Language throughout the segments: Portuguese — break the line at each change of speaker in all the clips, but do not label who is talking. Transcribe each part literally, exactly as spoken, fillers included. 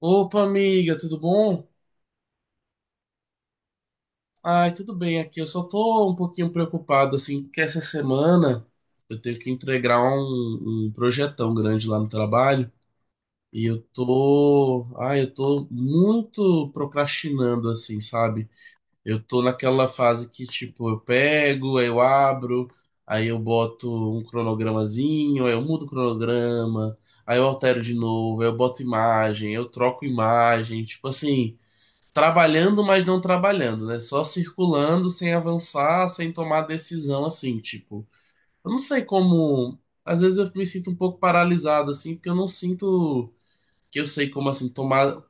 Opa, amiga, tudo bom? Ai, tudo bem aqui. Eu só tô um pouquinho preocupado, assim, porque essa semana eu tenho que entregar um, um projetão grande lá no trabalho e eu tô, ai, eu tô muito procrastinando, assim, sabe? Eu tô naquela fase que, tipo, eu pego, aí eu abro, aí eu boto um cronogramazinho, aí eu mudo o cronograma, aí eu altero de novo, aí eu boto imagem, eu troco imagem, tipo assim. Trabalhando, mas não trabalhando, né? Só circulando, sem avançar, sem tomar decisão, assim, tipo. Eu não sei como. Às vezes eu me sinto um pouco paralisado, assim, porque eu não sinto que eu sei como, assim, tomar.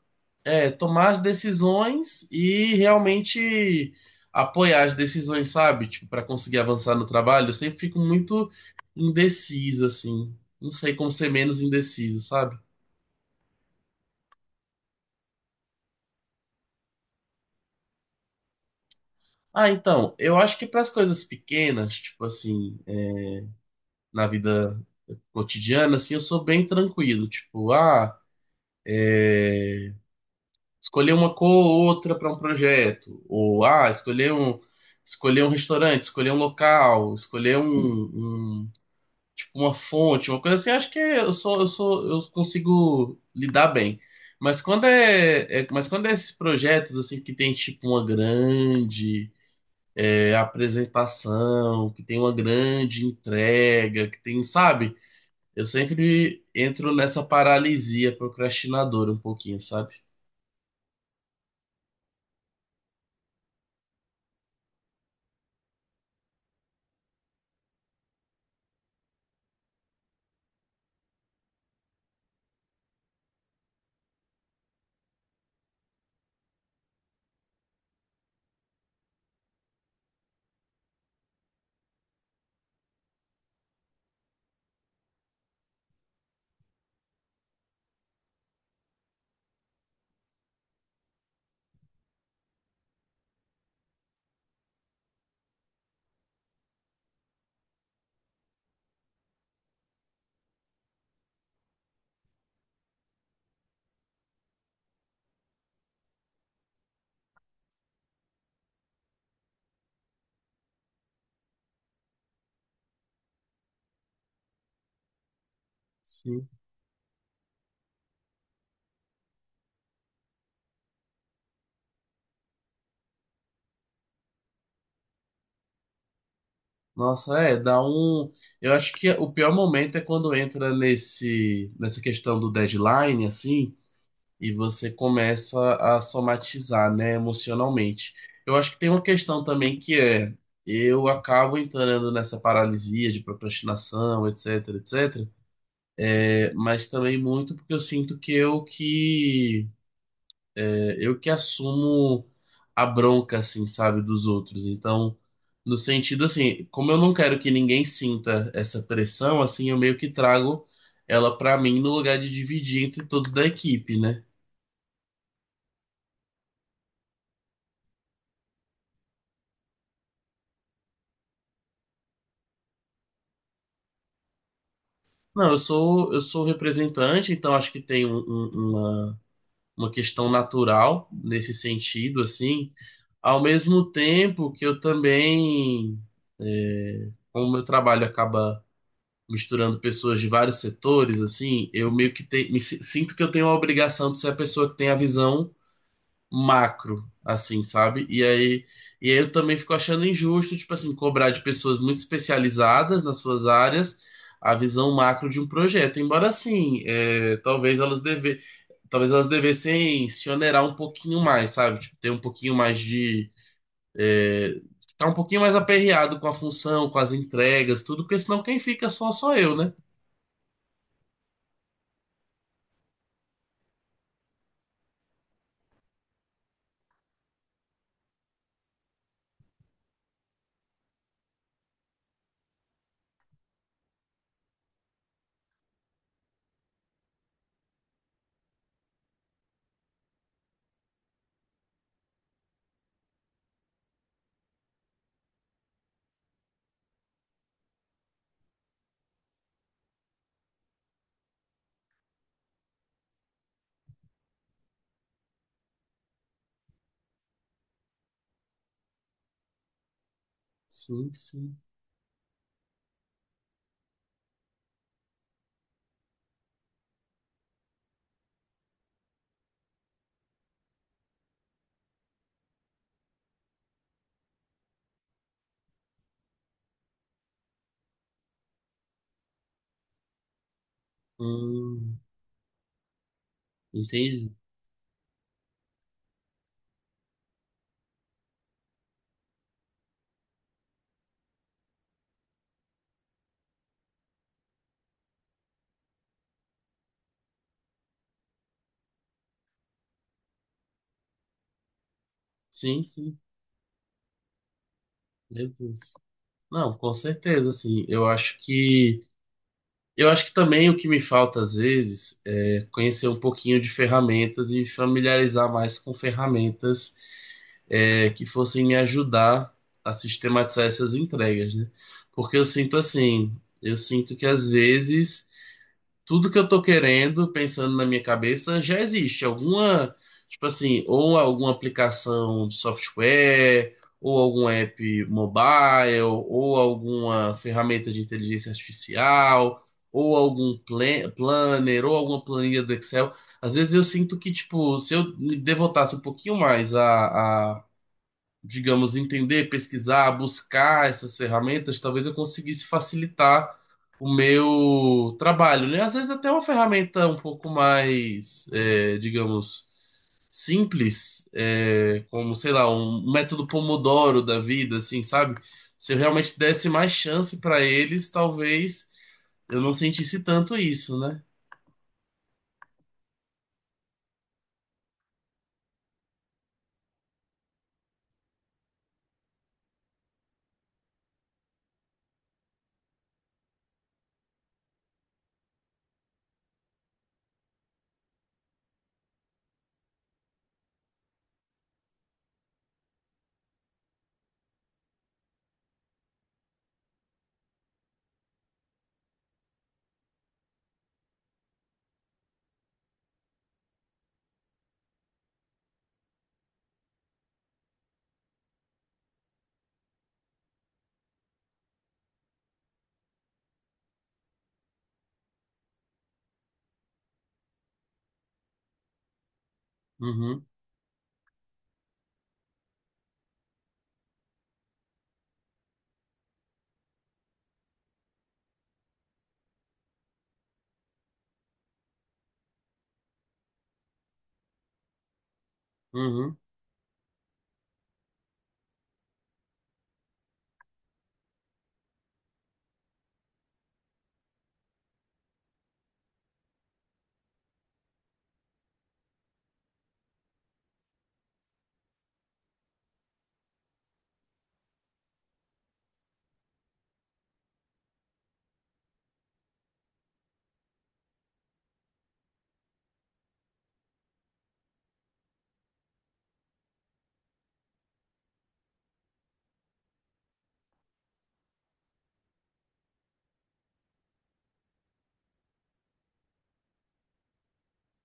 É, tomar as decisões e realmente apoiar as decisões, sabe? Tipo, para conseguir avançar no trabalho, eu sempre fico muito indeciso, assim. Não sei como ser menos indeciso, sabe? Ah, então, eu acho que para as coisas pequenas, tipo assim, é, na vida cotidiana, assim, eu sou bem tranquilo. Tipo, ah, escolher uma cor ou outra para um projeto. Ou, ah, escolher um, escolher um restaurante, escolher um local, escolher um, um- tipo, uma fonte, uma coisa assim. Acho que eu sou, eu sou, eu consigo lidar bem. Mas quando é, é- mas quando é esses projetos, assim, que tem, tipo, uma grande, é, apresentação, que tem uma grande entrega, que tem, sabe? Eu sempre entro nessa paralisia procrastinadora um pouquinho, sabe? Sim. Nossa, é, dá um. Eu acho que o pior momento é quando entra nesse, nessa questão do deadline, assim, e você começa a somatizar, né, emocionalmente. Eu acho que tem uma questão também que é, eu acabo entrando nessa paralisia de procrastinação, etc, etc, é, mas também muito porque eu sinto que eu que É, eu que assumo a bronca, assim, sabe, dos outros. Então, no sentido assim, como eu não quero que ninguém sinta essa pressão, assim, eu meio que trago ela pra mim no lugar de dividir entre todos da equipe, né? Não, eu sou eu sou representante, então acho que tem um- um- uma uma questão natural nesse sentido, assim. Ao mesmo tempo que eu também, é, como meu trabalho acaba misturando pessoas de vários setores, assim, eu meio que te, me si- sinto que eu tenho a obrigação de ser a pessoa que tem a visão macro, assim, sabe? E aí, e aí eu também fico achando injusto, tipo assim, cobrar de pessoas muito especializadas nas suas áreas a visão macro de um projeto. Embora assim, é, talvez elas deve, talvez elas devessem se onerar um pouquinho mais, sabe? Tipo, ter um pouquinho mais de é, tá um pouquinho mais aperreado com a função, com as entregas, tudo, porque senão quem fica só sou eu, né? Sim, sim. Hum, entendi. Sim, sim. Meu Deus. Não, com certeza, assim. Eu acho que. Eu acho que também o que me falta às vezes é conhecer um pouquinho de ferramentas e familiarizar mais com ferramentas é, que fossem me ajudar a sistematizar essas entregas, né? Porque eu sinto assim, eu sinto que às vezes tudo que eu tô querendo, pensando na minha cabeça, já existe. Alguma, tipo assim, ou alguma aplicação de software, ou algum app mobile, ou alguma ferramenta de inteligência artificial, ou algum plan planner, ou alguma planilha do Excel. Às vezes eu sinto que, tipo, se eu me devotasse um pouquinho mais a digamos, entender, pesquisar, buscar essas ferramentas, talvez eu conseguisse facilitar o meu trabalho, né? Às vezes até uma ferramenta um pouco mais, é, digamos, simples, é, como, sei lá, um método Pomodoro da vida, assim, sabe? Se eu realmente desse mais chance para eles, talvez eu não sentisse tanto isso, né? Uhum, uhum.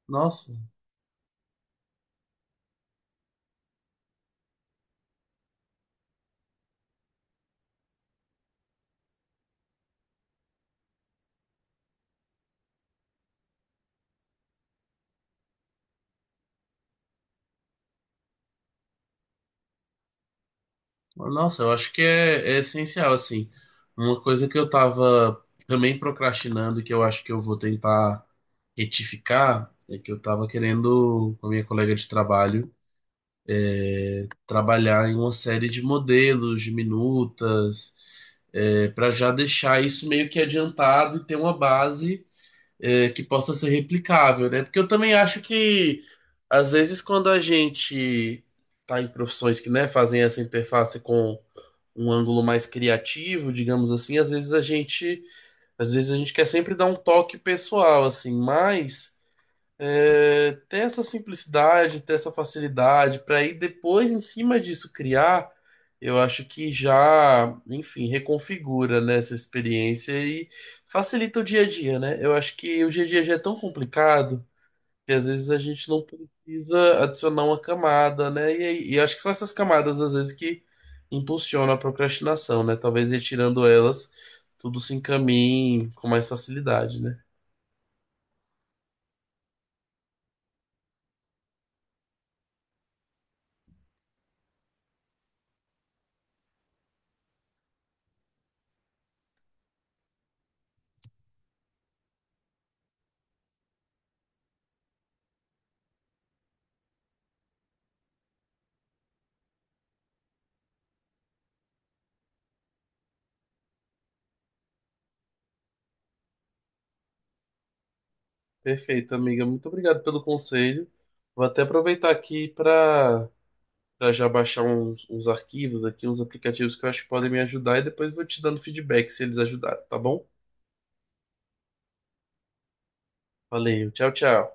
Nossa. Nossa, eu acho que é, é essencial, assim. Uma coisa que eu tava também procrastinando, que eu acho que eu vou tentar retificar, é que eu tava querendo, com a minha colega de trabalho, trabalhar em uma série de modelos, de minutas, é, para já deixar isso meio que adiantado e ter uma base é, que possa ser replicável, né? Porque eu também acho que, às vezes, quando a gente tá em profissões que, né, fazem essa interface com um ângulo mais criativo, digamos assim, às vezes a gente, às vezes a gente quer sempre dar um toque pessoal, assim, mas é, ter essa simplicidade, ter essa facilidade, para ir depois, em cima disso, criar, eu acho que já, enfim, reconfigura, né, essa experiência e facilita o dia a dia, né? Eu acho que o dia a dia já é tão complicado que às vezes a gente não precisa adicionar uma camada, né? E, aí- e acho que são essas camadas, às vezes, que impulsionam a procrastinação, né? Talvez retirando elas, tudo se encaminhe com mais facilidade, né? Perfeito, amiga. Muito obrigado pelo conselho. Vou até aproveitar aqui para para já baixar uns, uns arquivos aqui, uns aplicativos que eu acho que podem me ajudar e depois vou te dando feedback se eles ajudaram, tá bom? Valeu, tchau, tchau.